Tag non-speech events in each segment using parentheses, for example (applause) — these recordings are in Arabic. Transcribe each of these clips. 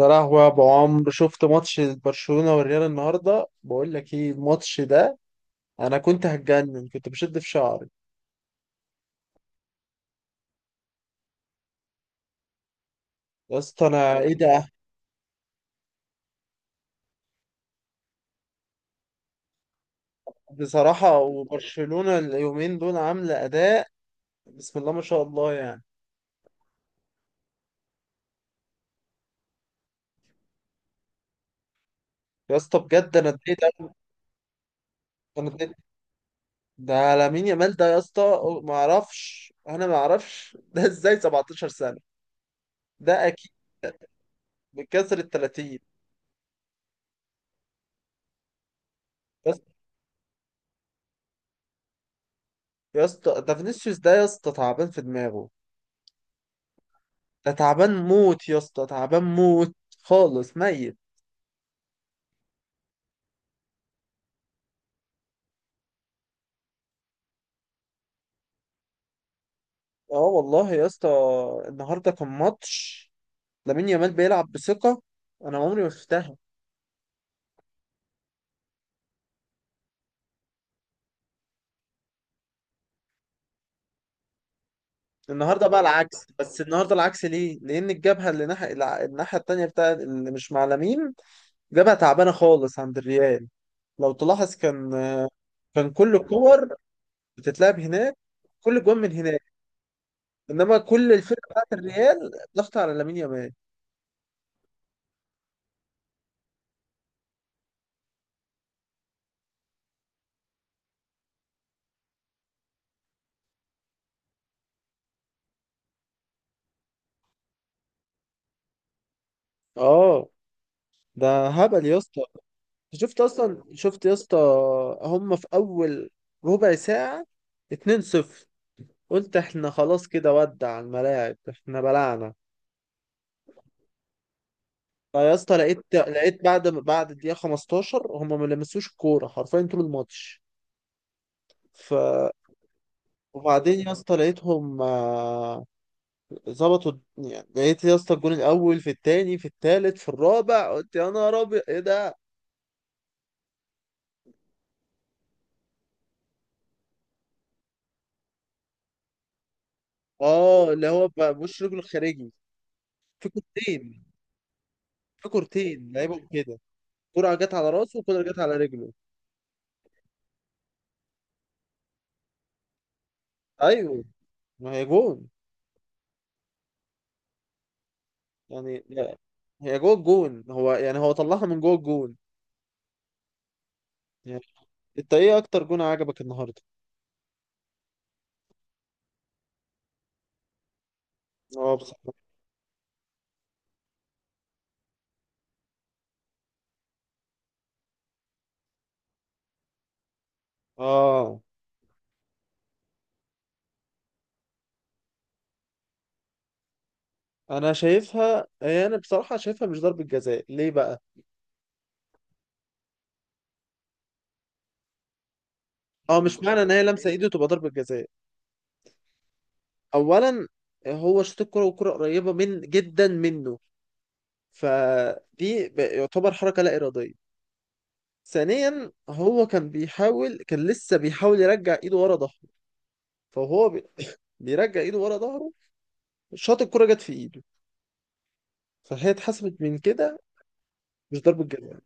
يا لهوي، يا ابو عمرو، شفت ماتش برشلونة والريال النهارده؟ بقول لك ايه الماتش ده. انا كنت هتجنن، كنت بشد في شعري. يا اسطى، انا ايه ده! بصراحة وبرشلونة اليومين دول عاملة اداء. بسم الله ما شاء الله يعني. يا اسطى بجد انا اتضايقت أوي. انا اتضايقت. ده لامين يامال ده يا اسطى. ما اعرفش، انا ما اعرفش (laughs) ده ازاي 17 سنة. ده اكيد بكسر ال 30. يا اسطى يا اسطى ده فينيسيوس، ده يا اسطى تعبان في دماغه. ده تعبان موت يا اسطى، تعبان موت. خالص ميت. اه والله يا اسطى. النهارده كان ماتش. لامين يامال بيلعب بثقة. انا عمري ما شفتها. النهارده بقى العكس، بس النهارده العكس ليه؟ لان الجبهة اللي ناحية الناحية التانية بتاع اللي مش مع لامين، جبهة تعبانة خالص عند الريال. لو تلاحظ، كان كل الكور بتتلعب هناك، كل الجوان من هناك. انما كل الفرقة بتاعت الريال ضغط على لامين يامال. اه ده هبل يا اسطى. شفت اصلا، شفت يا اسطى؟ هم في اول ربع ساعة 2-0. قلت احنا خلاص كده، ودع الملاعب، احنا بلعنا. فيا اسطى، لقيت بعد الدقيقة 15 هم ما لمسوش الكورة حرفيا طول الماتش. ف وبعدين يا اسطى لقيتهم، يعني لقيت يا اسطى الجون الاول، في التاني، في التالت، في الرابع، قلت يا نهار ابيض، ايه ده! اه، اللي هو بقى بوش رجله الخارجي. في كورتين في كورتين لعيبهم كده. كرة جت على راسه، وكرة جت على رجله. ايوه، ما هي جون! يعني لا، هي جوه الجون، هو يعني هو طلعها من جوه الجون يعني. انت ايه اكتر جون عجبك النهارده؟ اه بصراحة. اه انا شايفها، هي انا بصراحة شايفها مش ضربة جزاء. ليه بقى؟ اه، مش معنى ان هي لمسة ايده تبقى ضربة جزاء. اولا، هو شاط الكرة والكرة قريبة من جدا منه، فدي يعتبر حركة لا إرادية. ثانيا، هو كان بيحاول، كان لسه بيحاول يرجع ايده ورا ظهره. فهو بيرجع ايده ورا ظهره. شاط الكرة، جت في ايده، فهي اتحسبت من كده. مش ضربة جزاء.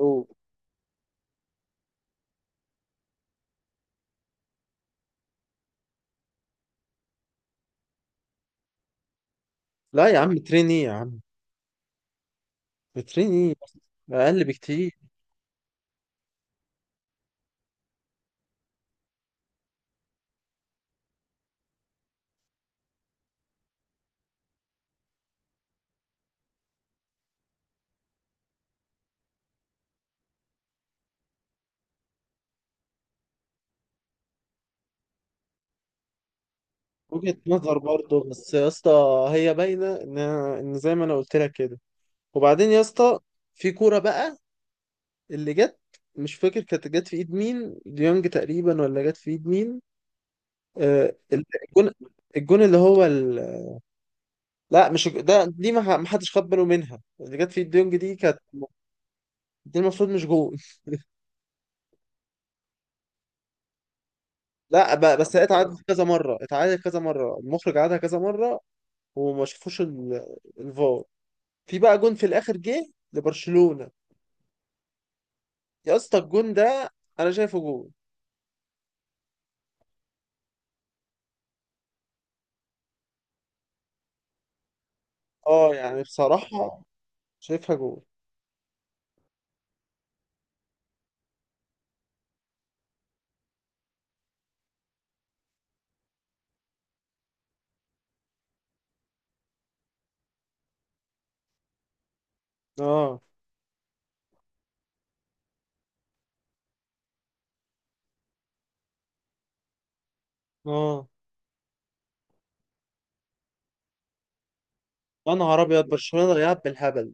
أوه. لا يا عم، ترين ايه يا عم، ترين ايه! اقل بكتير. وجهة نظر برضه بس يا اسطى، هي باينة ان زي ما انا قلت لك كده. وبعدين يا اسطى، في كورة بقى اللي جت، مش فاكر كانت جت في ايد مين، ديونج تقريبا، ولا جت في ايد مين؟ آه الجون، الجون اللي هو لا، مش الج- دي ما حدش خد باله منها، اللي جت في ايد ديونج دي كانت، دي المفروض مش جون. لا بس هي اتعادت كذا مرة، اتعادت كذا مرة، المخرج عادها كذا مرة، وما شافوش الفار. في بقى جون في الآخر جه لبرشلونة. يا اسطى الجون ده أنا شايفه جون. اه يعني بصراحة شايفها جون. اه، اه. يا نهار أبيض، برشلونة ضيعت بالهبل.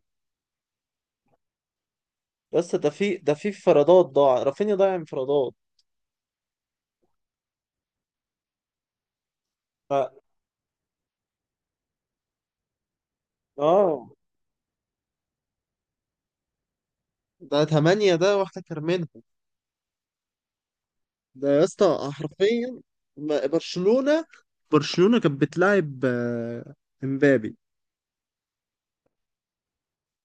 يا اسطى ده في انفرادات، ضاع، رافينيا ضيع انفرادات. ف- اه. ده تمانية، ده واحدة كرمنها. ده يا اسطى حرفيا. ما- برشلونة برشلونة كانت بتلاعب، امبابي.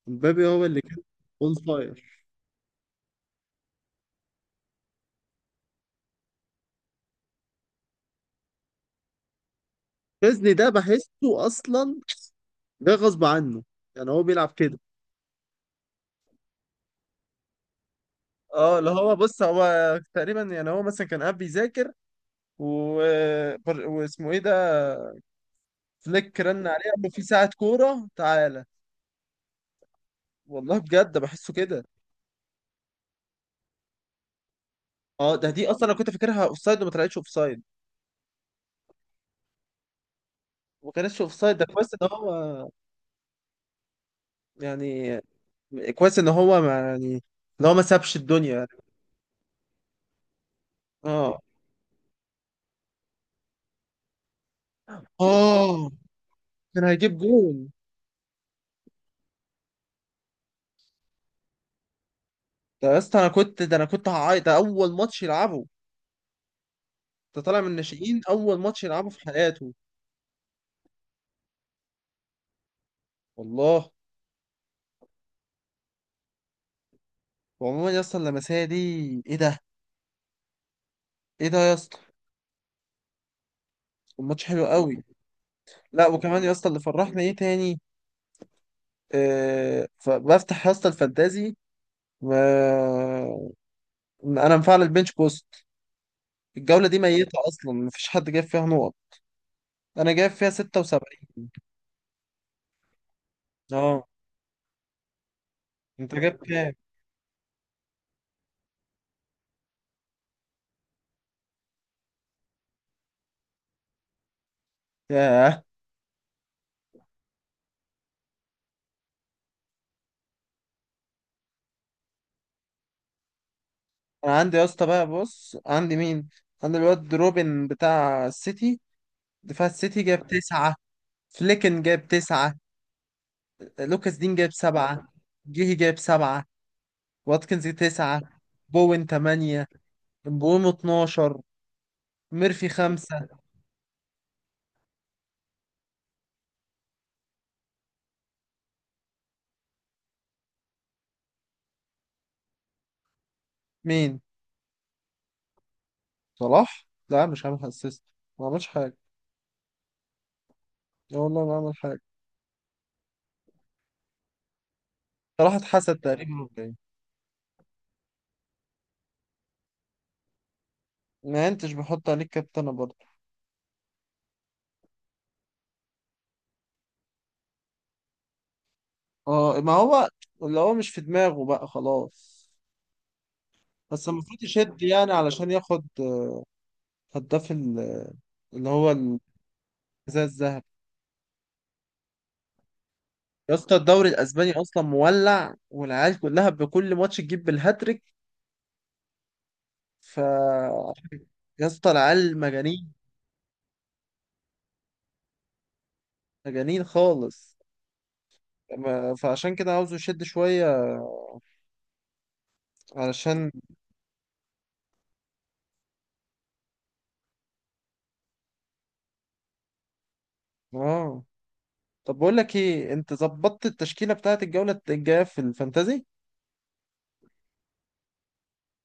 مبابي هو اللي كان اون فاير. تشيزني ده بحسه اصلا ده غصب عنه، يعني هو بيلعب كده. اه، اللي هو بص، هو تقريبا يعني هو مثلا كان قاعد بيذاكر و... واسمه ايه ده، فليك، رن عليه قال له في ساعة كورة تعالى. والله بجد بحسه كده. اه ده، دي اصلا انا كنت فاكرها اوفسايد وما طلعتش اوفسايد، وما كانتش اوفسايد، ده كويس ان هو يعني، كويس ان هو ما يعني، ان هو ما سابش الدنيا يعني. اه، اه. كان هيجيب جول. ده يا اسطى انا كنت، ده انا كنت هعيط، ده اول ماتش يلعبه. ده طالع من الناشئين، اول ماتش يلعبه في حياته. والله. وعموما يا اسطى اللمسيه دي، ايه ده، ايه ده يا اسطى! الماتش حلو قوي. لا وكمان يا اسطى، اللي فرحنا ايه تاني، فبفتح يا اسطى الفانتازي. و... انا مفعل البنش بوست، الجوله دي ميته اصلا، مفيش حد جاب فيها نقط. انا جايب فيها 76. اه، انت جايب كام؟ ياه. انا عندي يا اسطى بقى، بص عندي مين. عندي الواد روبن بتاع السيتي، فالسيتي جاب تسعة. فليكن جاب تسعة. لوكاس دين جاب سبعة. جيهي جاب سبعة. واتكنز تسعة. بوين تمانية. بوم 12. ميرفي خمسة. مين؟ صلاح؟ لا مش عامل اسيست. ما عملش حاجة. لا والله ما عمل حاجة. صلاح اتحسد تقريبا، ولا ايه؟ ما انتش بحط عليك كابتنة برضه. اه ما هو، اللي هو مش في دماغه بقى، خلاص. بس المفروض يشد، يعني علشان ياخد هداف ال- اللي هو الحذاء الذهبي. يا اسطى الدوري الاسباني اصلا مولع، والعيال كلها بكل ماتش تجيب بالهاتريك. ف يا اسطى العيال مجانين. مجانين خالص. فعشان كده عاوزه يشد شويه. علشان اه. طب بقول لك ايه، انت ظبطت التشكيله بتاعت الجوله الجايه في الفانتازي؟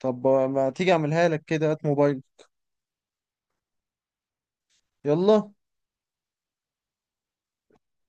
طب ما تيجي اعملها لك كده، هات موبايل. يلا.